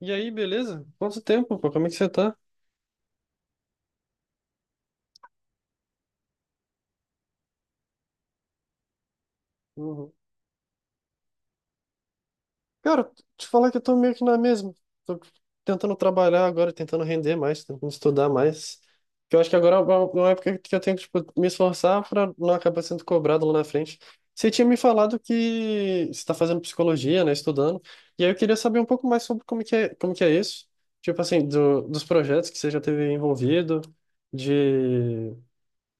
E aí, beleza? Quanto tempo, pô? Como é que você tá? Uhum. Cara, te falar que eu tô meio que na mesma. Tô tentando trabalhar agora, tentando render mais, tentando estudar mais. Que eu acho que agora é uma época que eu tenho que, tipo, me esforçar pra não acabar sendo cobrado lá na frente. Você tinha me falado que você tá fazendo psicologia, né? Estudando. E aí eu queria saber um pouco mais sobre como que é isso. Tipo assim, dos projetos que você já teve envolvido, de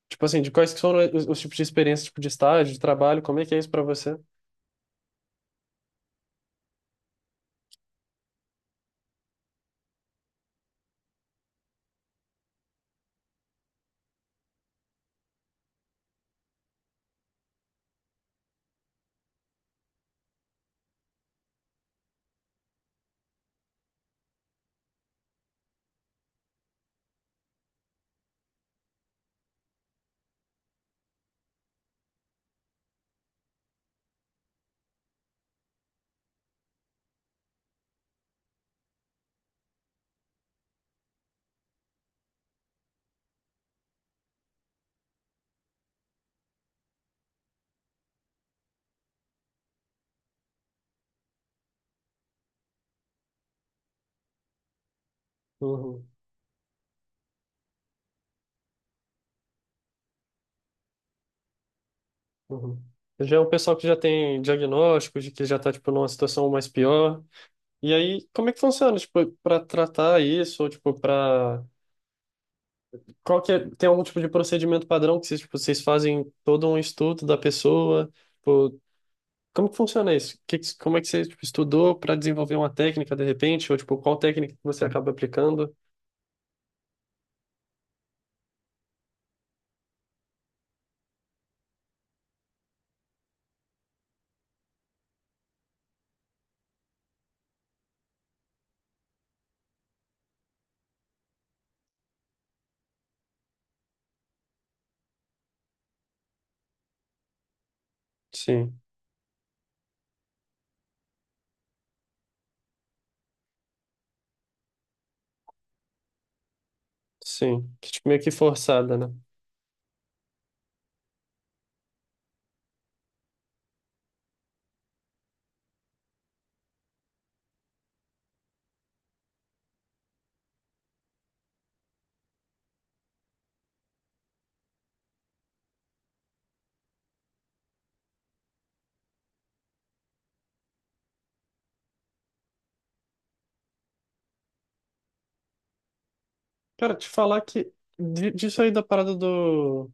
tipo assim, de quais que foram os tipos de experiência, tipo de estágio, de trabalho, como é que é isso para você? Uhum, uhum. Já é um pessoal que já tem diagnóstico, de que já tá, tipo, numa situação mais pior. E aí, como é que funciona, tipo, para tratar isso, ou, tipo, para. Qual que é. Tem algum tipo de procedimento padrão que vocês, tipo, vocês fazem todo um estudo da pessoa? Tipo, como que funciona isso? Como é que você, tipo, estudou para desenvolver uma técnica, de repente? Ou, tipo, qual técnica que você acaba aplicando? Sim, sim. Que, tipo, meio que forçada, né? Cara, te falar que disso aí da parada do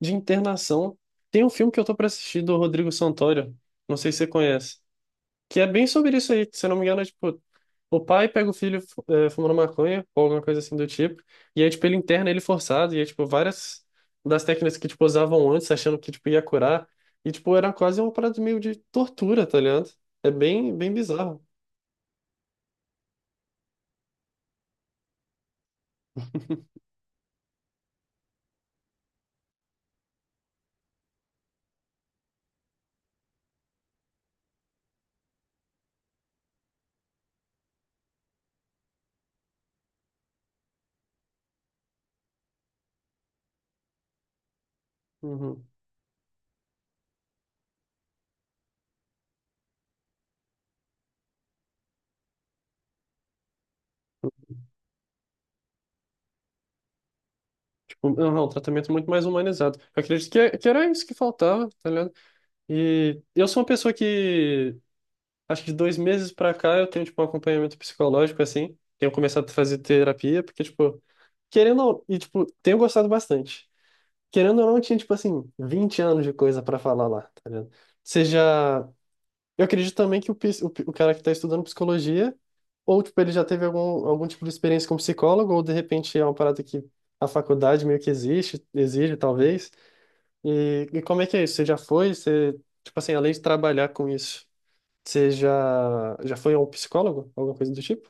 de internação, tem um filme que eu tô pra assistir do Rodrigo Santoro, não sei se você conhece, que é bem sobre isso aí, se eu não me engano, é tipo, o pai pega o filho fumando maconha ou alguma coisa assim do tipo, e aí tipo ele interna ele forçado, e aí tipo várias das técnicas que tipo usavam antes, achando que tipo ia curar, e tipo era quase uma parada meio de tortura, tá ligado? É bem bem bizarro. Uhum. Tipo, não, não, um tratamento muito mais humanizado. Eu acredito que, que era isso que faltava, tá ligado? E eu sou uma pessoa que, acho que de dois meses pra cá, eu tenho, tipo, um acompanhamento psicológico, assim. Tenho começado a fazer terapia, porque, tipo, querendo ou e, tipo, tenho gostado bastante. Querendo ou não, eu tinha, tipo, assim, 20 anos de coisa pra falar lá, tá ligado? Seja. Eu acredito também que o, pis- o, pi- o cara que tá estudando psicologia, ou, tipo, ele já teve algum tipo de experiência como psicólogo, ou, de repente, é uma parada que a faculdade meio que exige, talvez. E como é que é isso? Você já foi? Você, tipo assim, além de trabalhar com isso, você já foi a um psicólogo? Alguma coisa do tipo?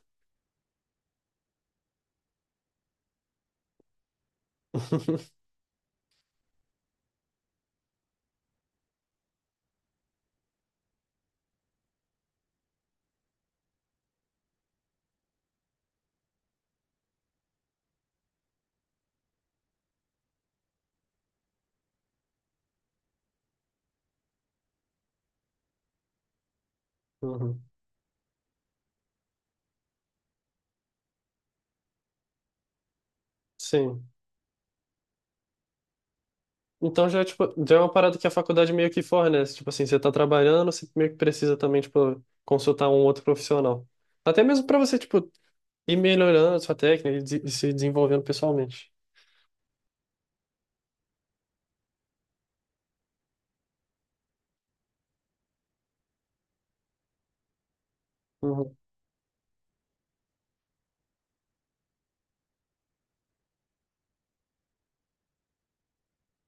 Uhum. Sim. Então já, tipo, já é uma parada que a faculdade meio que fornece. Tipo assim, você tá trabalhando, você meio que precisa também, tipo, consultar um outro profissional. Até mesmo para você, tipo, ir melhorando a sua técnica e se desenvolvendo pessoalmente.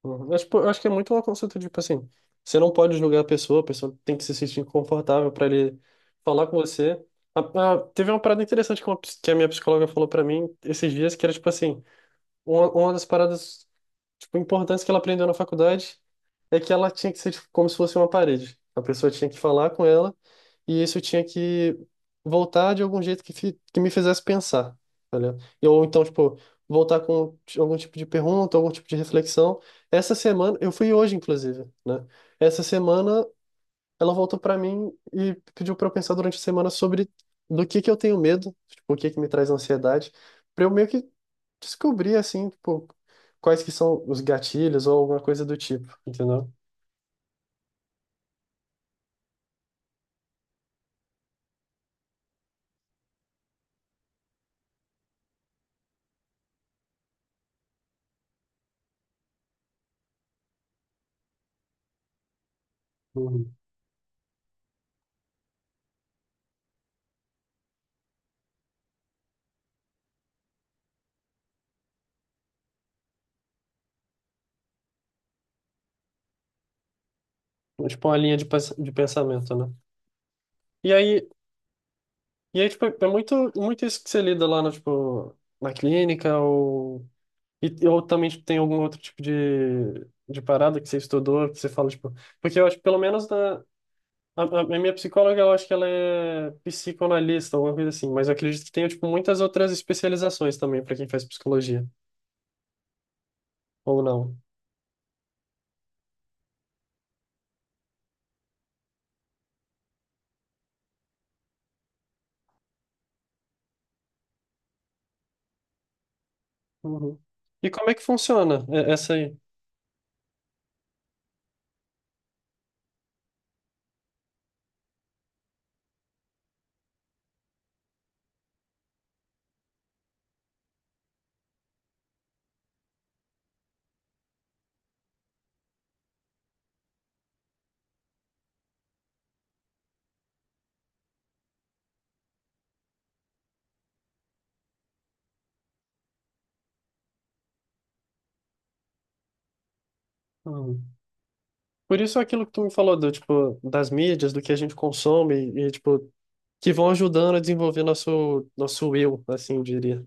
Uhum. Mas, pô, eu acho que é muito uma consulta, tipo assim, você não pode julgar a pessoa tem que se sentir confortável para ele falar com você. Teve uma parada interessante que, que a minha psicóloga falou para mim esses dias, que era tipo assim, uma das paradas, tipo, importantes que ela aprendeu na faculdade é que ela tinha que ser, tipo, como se fosse uma parede. A pessoa tinha que falar com ela e isso tinha que voltar de algum jeito que, que me fizesse pensar, tá ligado? Ou então, tipo, voltar com algum tipo de pergunta, algum tipo de reflexão. Essa semana, eu fui hoje, inclusive, né? Essa semana ela voltou pra mim e pediu pra eu pensar durante a semana sobre do que eu tenho medo, tipo, o que que me traz ansiedade, pra eu meio que descobrir, assim, tipo, quais que são os gatilhos ou alguma coisa do tipo, entendeu? Uhum. Tipo, uma linha de pensamento, né? E aí, e aí, tipo, é muito, muito isso que você lida lá, no, tipo, na clínica ou. Ou também, tipo, tem algum outro tipo de parada que você estudou, que você fala, tipo. Porque eu acho, que pelo menos a minha psicóloga, eu acho que ela é psicanalista, alguma coisa assim, mas eu acredito que tenha, tipo, muitas outras especializações também para quem faz psicologia, ou não. Uhum. E como é que funciona essa aí? Uhum. Por isso aquilo que tu me falou, do, tipo, das mídias, do que a gente consome e, tipo, que vão ajudando a desenvolver nosso eu, assim, eu diria.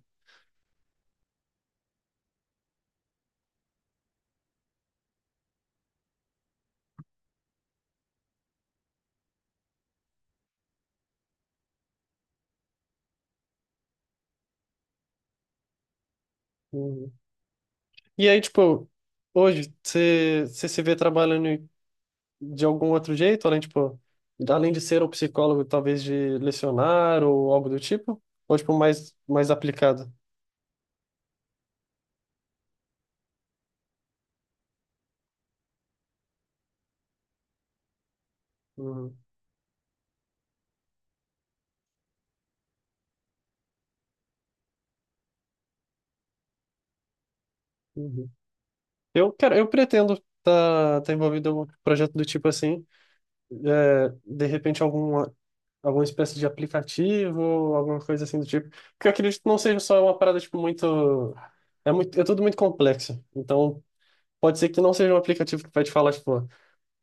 Uhum. E aí, tipo, hoje, você se vê trabalhando de algum outro jeito, além, tipo, além de ser o psicólogo, talvez de lecionar ou algo do tipo? Ou, tipo, mais, mais aplicado? Uhum. Uhum. Cara, eu pretendo tá envolvido em um projeto do tipo assim, de repente alguma espécie de aplicativo, alguma coisa assim do tipo, porque eu acredito que não seja só uma parada, tipo, muito. É muito, é tudo muito complexo, então. Pode ser que não seja um aplicativo que vai te falar, tipo,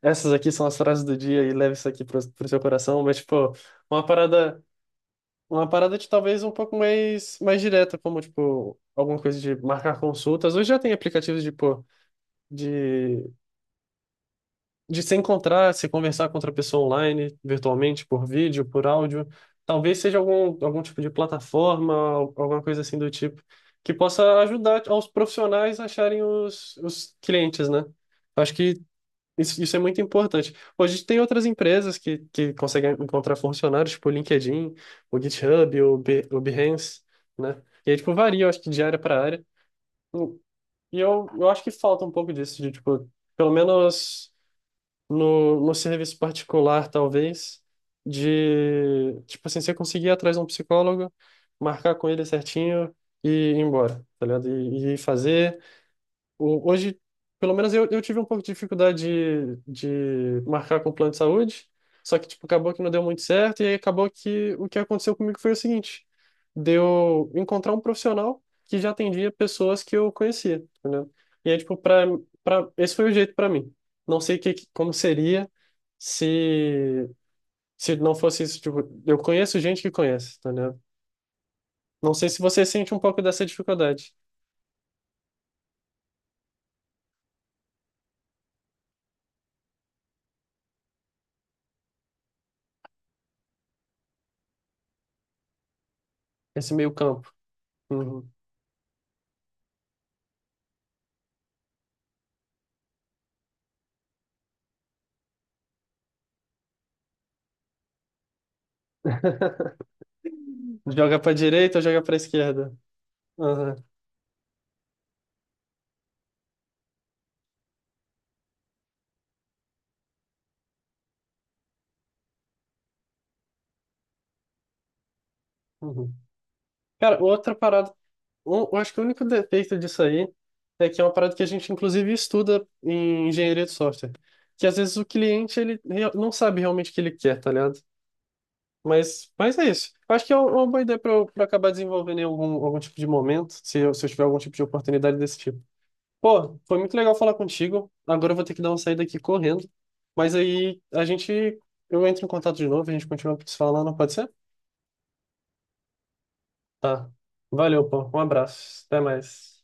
essas aqui são as frases do dia e leve isso aqui pro, pro seu coração, mas, tipo, uma parada, uma parada de talvez um pouco mais, mais direta, como, tipo, alguma coisa de marcar consultas. Hoje já tem aplicativos de, pô, de, de se encontrar, se conversar com outra pessoa online, virtualmente, por vídeo, por áudio. Talvez seja algum tipo de plataforma, alguma coisa assim do tipo, que possa ajudar aos profissionais a acharem os clientes, né? Acho que isso é muito importante. Hoje tem outras empresas que conseguem encontrar funcionários, tipo o LinkedIn, o GitHub, o Behance, né? E aí, tipo, varia, eu acho que de área para área. Hum. E eu acho que falta um pouco disso, de, tipo, pelo menos no serviço particular, talvez, de, tipo assim, você conseguir ir atrás de um psicólogo, marcar com ele certinho e ir embora, tá ligado? Hoje, pelo menos eu tive um pouco de dificuldade de marcar com o plano de saúde, só que, tipo, acabou que não deu muito certo, e aí acabou que o que aconteceu comigo foi o seguinte, deu encontrar um profissional que já atendia pessoas que eu conhecia, entendeu? E aí, tipo, esse foi o jeito para mim. Não sei como seria se, se não fosse isso, tipo, eu conheço gente que conhece, entendeu? Não sei se você sente um pouco dessa dificuldade, esse meio campo. Uhum. Joga pra direita ou joga pra esquerda? Aham, uhum. Cara, outra parada. Eu acho que o único defeito disso aí é que é uma parada que a gente, inclusive, estuda em engenharia de software. Que às vezes o cliente ele não sabe realmente o que ele quer, tá ligado? Mas é isso. Eu acho que é uma boa ideia pra eu acabar desenvolvendo em algum tipo de momento, se eu tiver algum tipo de oportunidade desse tipo. Pô, foi muito legal falar contigo. Agora eu vou ter que dar uma saída aqui correndo. Mas aí a gente. Eu entro em contato de novo, a gente continua se falando, pode ser? Tá. Valeu, pô. Um abraço. Até mais.